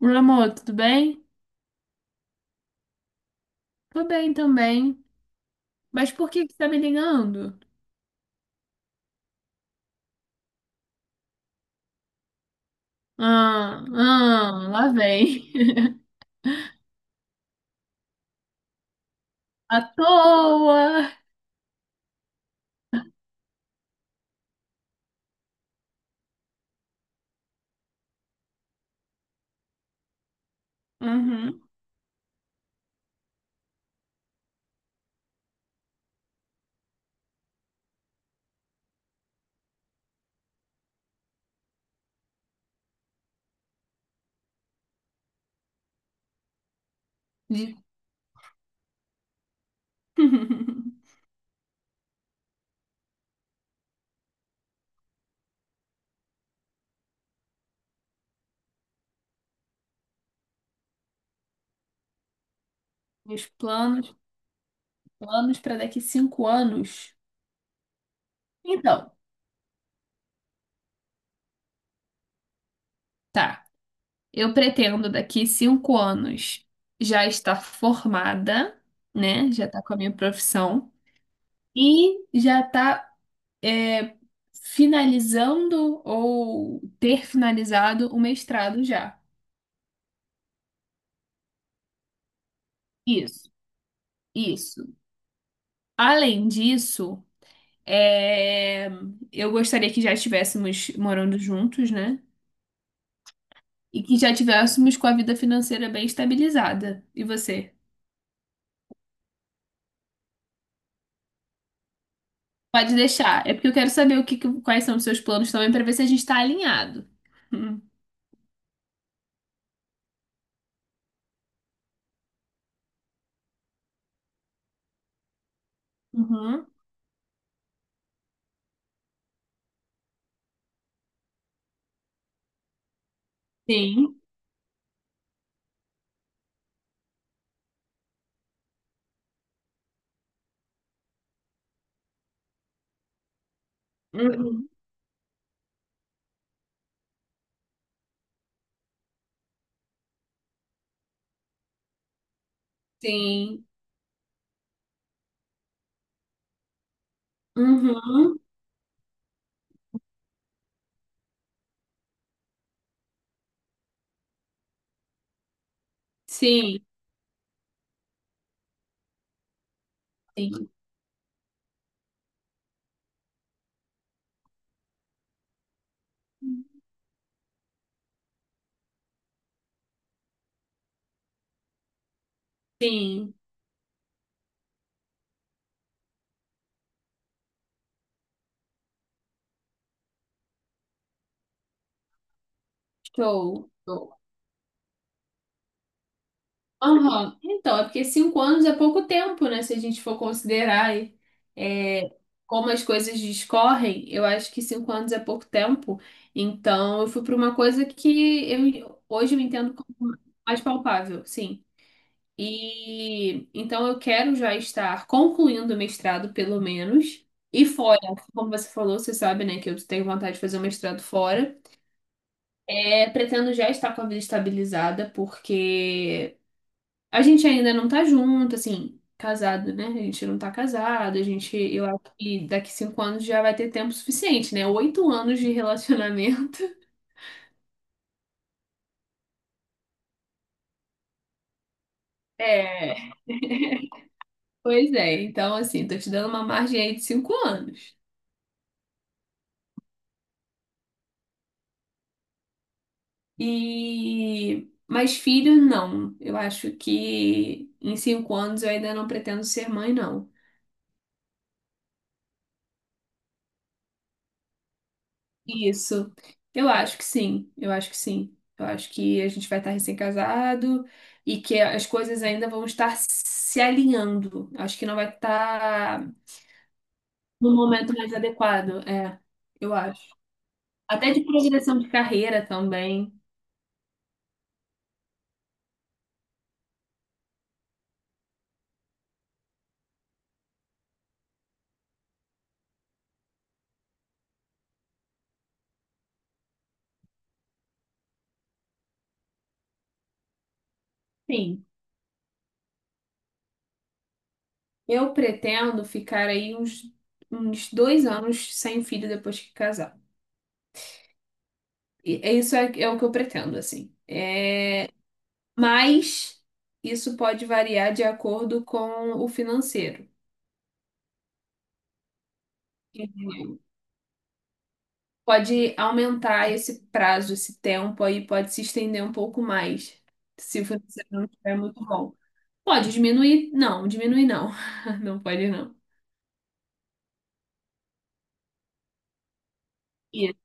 Meu amor, tudo bem? Tô bem também. Mas por que que você tá me ligando? Ah, lá vem. À toa. Uhum. De- Meus planos, planos para daqui 5 anos. Então, tá. Eu pretendo daqui 5 anos já estar formada, né? Já tá com a minha profissão e já tá é, finalizando ou ter finalizado o mestrado já. Isso, isso. Além disso, é, eu gostaria que já estivéssemos morando juntos, né? E que já tivéssemos com a vida financeira bem estabilizada. E você? Pode deixar. É porque eu quero saber quais são os seus planos também, para ver se a gente está alinhado. Hum. Uhum. Sim. Uhum. Sim. Uhum. Sim. Sim. Sim. Show. Show. Aham. Então, é porque 5 anos é pouco tempo, né? Se a gente for considerar aí, é, como as coisas discorrem, eu acho que 5 anos é pouco tempo. Então, eu fui para uma coisa que eu, hoje, eu entendo como mais palpável, sim. E então eu quero já estar concluindo o mestrado, pelo menos. E fora, como você falou, você sabe, né, que eu tenho vontade de fazer o mestrado fora. É, pretendo já estar com a vida estabilizada, porque a gente ainda não tá junto, assim, casado, né? A gente não tá casado, a gente, eu acho que daqui 5 anos já vai ter tempo suficiente, né? 8 anos de relacionamento. É, pois é. Então, assim, tô te dando uma margem aí de 5 anos. E, mas filho, não. Eu acho que em 5 anos eu ainda não pretendo ser mãe, não. Isso. Eu acho que sim, eu acho que sim. Eu acho que a gente vai estar recém-casado e que as coisas ainda vão estar se alinhando. Acho que não vai estar no momento mais adequado, eu acho. Até de progressão de carreira também. Sim. Eu pretendo ficar aí uns 2 anos sem filho depois que casar. E é isso é o que eu pretendo, assim. É, mas isso pode variar de acordo com o financeiro. Pode aumentar esse prazo, esse tempo aí, pode se estender um pouco mais, se o financeiro não estiver muito bom. Pode diminuir? Não, diminuir não. Não pode não. Isso.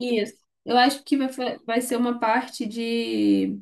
Isso. Eu acho que vai, vai ser uma parte de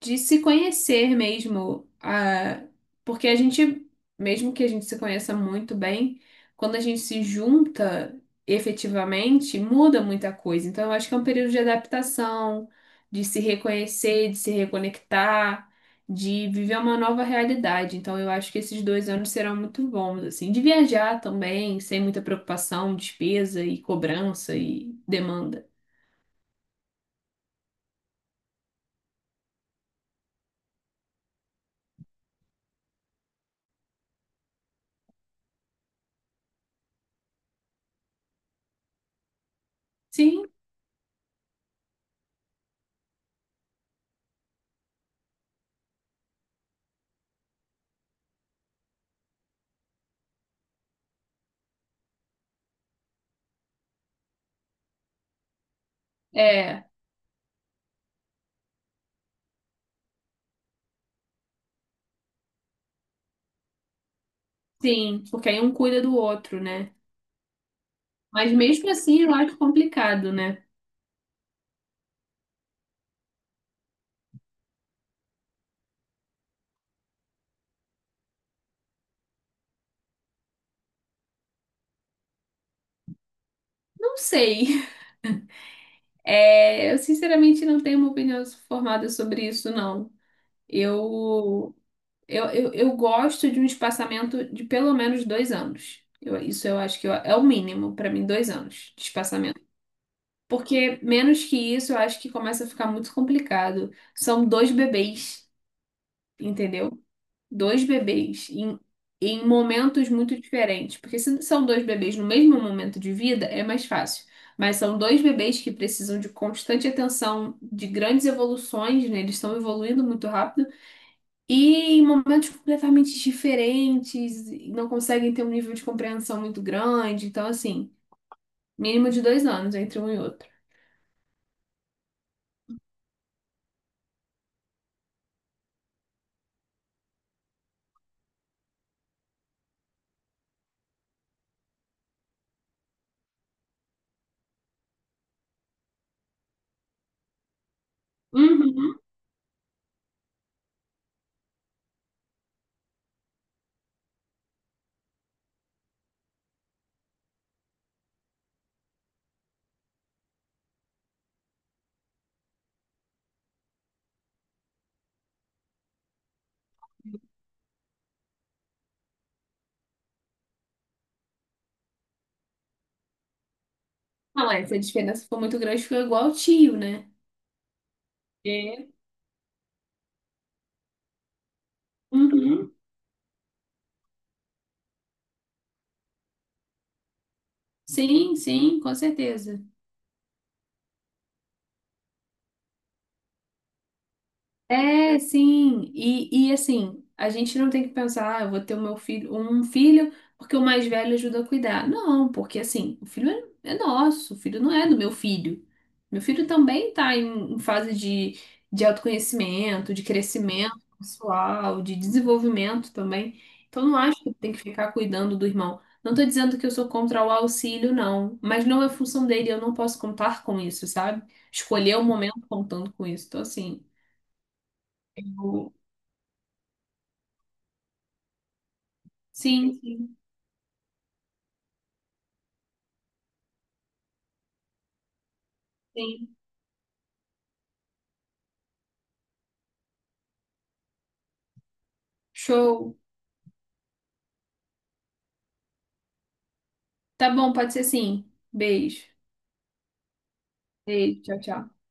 de se conhecer mesmo, ah, porque mesmo que a gente se conheça muito bem, quando a gente se junta efetivamente, muda muita coisa. Então, eu acho que é um período de adaptação, de se reconhecer, de se reconectar, de viver uma nova realidade. Então, eu acho que esses 2 anos serão muito bons, assim, de viajar também, sem muita preocupação, despesa e cobrança e demanda. Sim, é, sim, porque aí um cuida do outro, né? Mas mesmo assim, eu acho complicado, né? Não sei. É, eu sinceramente não tenho uma opinião formada sobre isso, não. Eu, eu gosto de um espaçamento de pelo menos 2 anos. Isso eu acho que é o mínimo para mim, 2 anos de espaçamento. Porque menos que isso, eu acho que começa a ficar muito complicado. São dois bebês, entendeu? Dois bebês em momentos muito diferentes. Porque se são dois bebês no mesmo momento de vida, é mais fácil. Mas são dois bebês que precisam de constante atenção, de grandes evoluções, né? Eles estão evoluindo muito rápido e em momentos completamente diferentes, e não conseguem ter um nível de compreensão muito grande. Então, assim, mínimo de 2 anos entre um e outro. Uhum. Não, é, se a diferença for muito grande, fica igual ao tio, né? É. Uhum. Sim, sim, com certeza. É, sim. E assim, a gente não tem que pensar, ah, eu vou ter o meu filho, um filho, porque o mais velho ajuda a cuidar. Não, porque assim, o filho é nosso, o filho não é do meu filho. Meu filho também está em fase de autoconhecimento, de crescimento pessoal, de desenvolvimento também. Então não acho que tem que ficar cuidando do irmão. Não estou dizendo que eu sou contra o auxílio, não, mas não é função dele, eu não posso contar com isso, sabe? Escolher o momento contando com isso. Então, assim. Sim, sim, sim. Show. Tá bom, pode ser sim. Beijo. Beijo, tchau, tchau.